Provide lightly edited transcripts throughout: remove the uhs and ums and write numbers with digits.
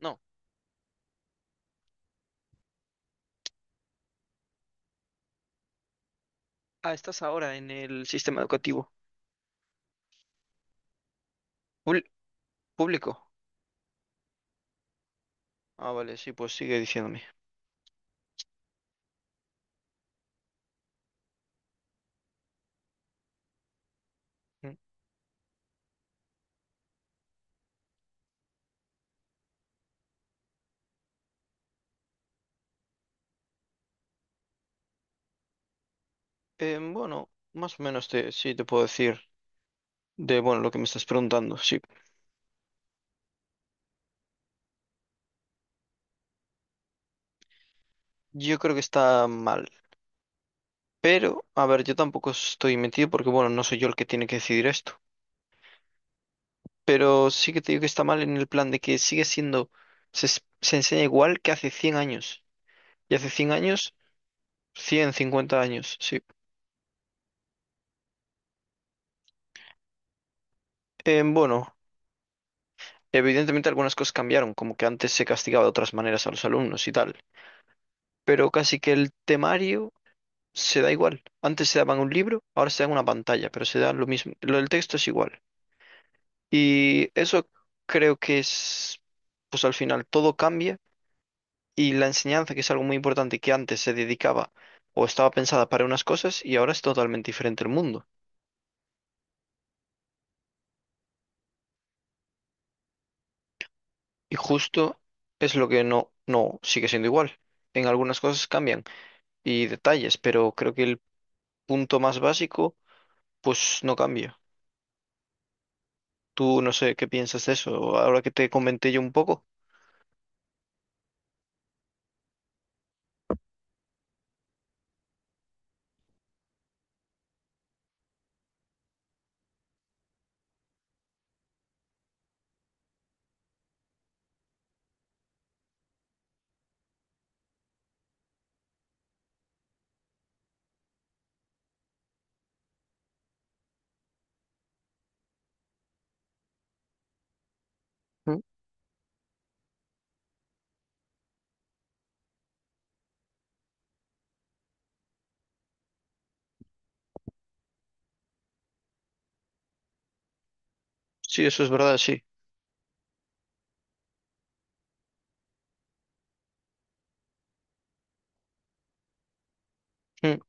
No. Ah, estás ahora en el sistema educativo. Pul- Público. Ah, vale, sí, pues sigue diciéndome. Mm. Bueno, más o menos sí te puedo decir de, bueno, lo que me estás preguntando, sí. Yo creo que está mal. Pero, a ver, yo tampoco estoy metido porque, bueno, no soy yo el que tiene que decidir esto. Pero sí que te digo que está mal en el plan de que sigue siendo, se enseña igual que hace 100 años. Y hace 100 años, 150 años, sí. Eh, bueno. Evidentemente algunas cosas cambiaron, como que antes se castigaba de otras maneras a los alumnos y tal, pero casi que el temario se da igual. Antes se daban un libro, ahora se dan una pantalla, pero se da lo mismo. Lo del texto es igual. Y eso creo que es, pues al final todo cambia y la enseñanza, que es algo muy importante, que antes se dedicaba o estaba pensada para unas cosas y ahora es totalmente diferente el mundo. Y justo es lo que no sigue siendo igual. En algunas cosas cambian y detalles, pero creo que el punto más básico, pues no cambia. Tú no sé qué piensas de eso, ahora que te comenté yo un poco. Mm. Sí, eso es verdad, sí. Mm.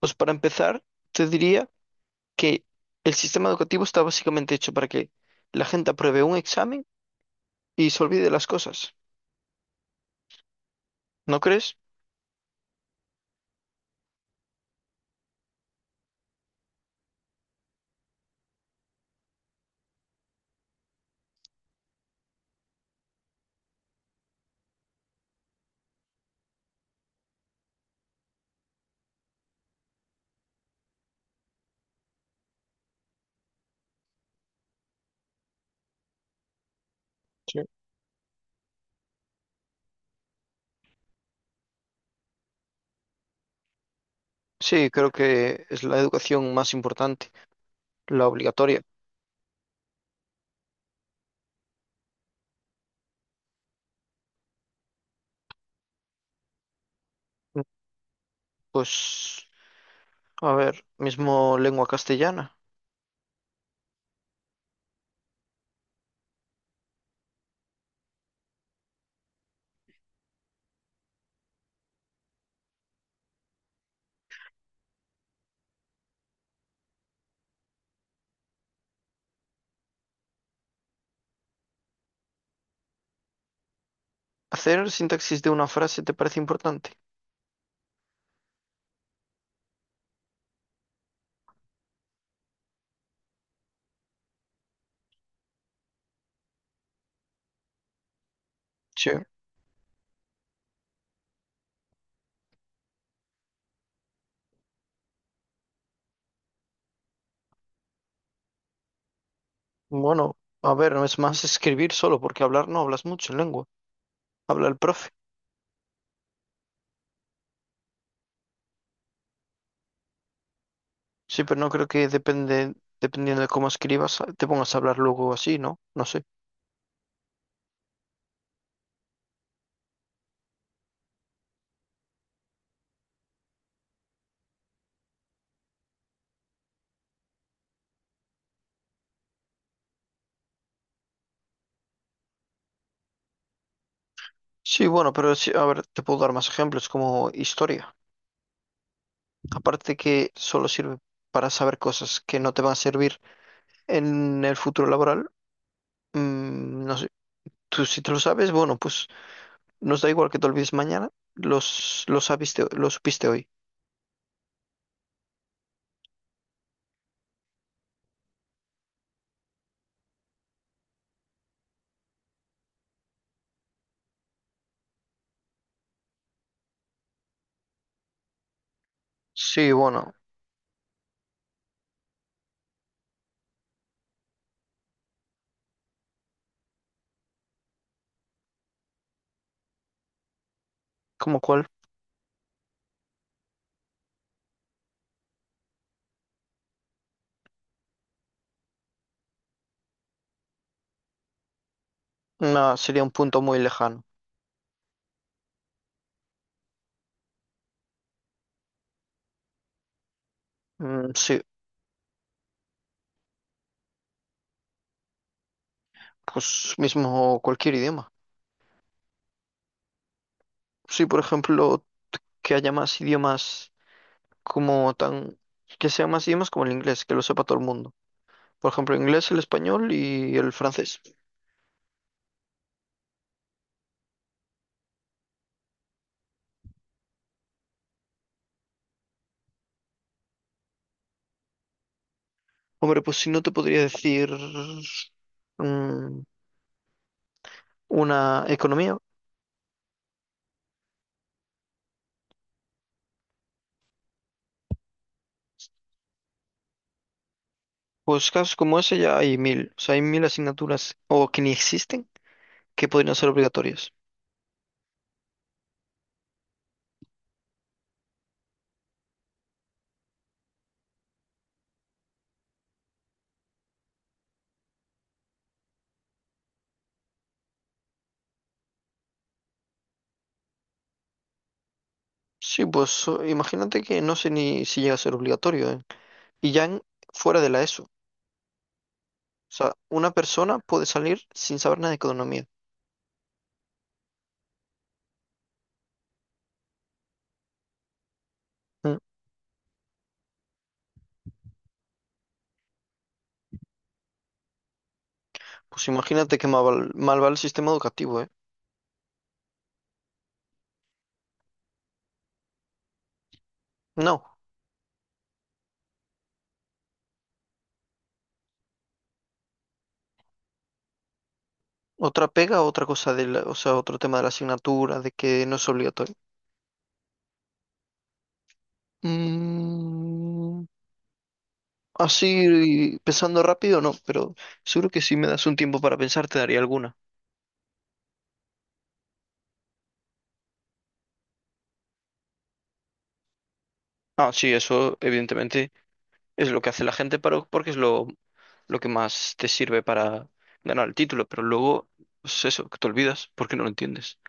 Pues para empezar, te diría que el sistema educativo está básicamente hecho para que la gente apruebe un examen y se olvide de las cosas. ¿No crees? Sí. Sí, creo que es la educación más importante, la obligatoria. Mm. Pues, a ver, mismo lengua castellana. ¿Hacer sintaxis de una frase te parece importante? Sí. Bueno, a ver, no es más escribir solo, porque hablar no hablas mucho en lengua. Habla el profe. Sí, pero no creo que dependiendo de cómo escribas, te pongas a hablar luego así, ¿no? No sé. Sí, bueno, pero sí, a ver, te puedo dar más ejemplos como historia. Aparte que solo sirve para saber cosas que no te van a servir en el futuro laboral, mm, no sé. Tú si te lo sabes, bueno, pues nos da igual que te olvides mañana, los sabiste, lo supiste hoy. Sí, bueno, ¿como cuál? Nah, sería un punto muy lejano. Mm, sí, pues mismo cualquier idioma. Sí, por ejemplo, que haya más idiomas como tan... que sean más idiomas como el inglés, que lo sepa todo el mundo. Por ejemplo, inglés, el español y el francés. Hombre, pues si no te podría decir mm, una economía, pues casos como ese ya hay mil. O sea, hay mil asignaturas o que ni existen que podrían ser obligatorias. Sí, pues imagínate que no sé ni si llega a ser obligatorio, ¿eh? Y ya fuera de la ESO. O sea, una persona puede salir sin saber nada de economía. Mm. Pues imagínate que mal, mal va el sistema educativo, ¿eh? No. Otra pega, otra cosa o sea, otro tema de la asignatura, de que no es obligatorio. Mm, así pensando rápido, no, pero seguro que si me das un tiempo para pensar te daría alguna. Ah, sí, eso evidentemente es lo que hace la gente para, porque es lo que más te sirve para ganar el título, pero luego, pues eso, que te olvidas porque no lo entiendes.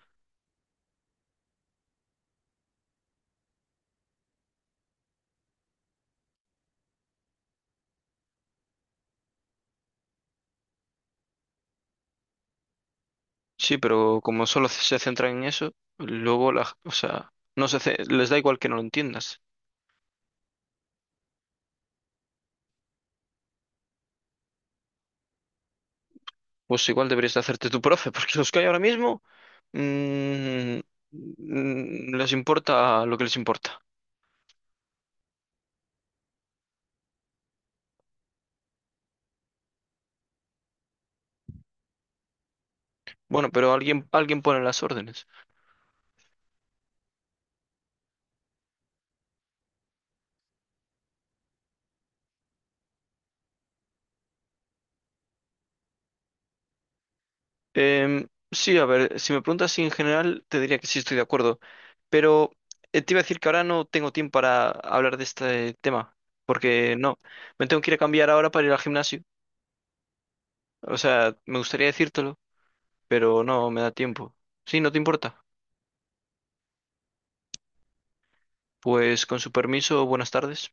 Sí, pero como solo se centran en eso, luego o sea, no se, ce- les da igual que no lo entiendas. Pues igual deberías de hacerte tu profe, porque los que hay ahora mismo mm, les importa lo que les importa. Bueno, pero alguien pone las órdenes. Sí, a ver, si me preguntas si en general, te diría que sí estoy de acuerdo, pero te iba a decir que ahora no tengo tiempo para hablar de este tema, porque no, me tengo que ir a cambiar ahora para ir al gimnasio. O sea, me gustaría decírtelo, pero no me da tiempo. Sí, no te importa. Pues con su permiso, buenas tardes.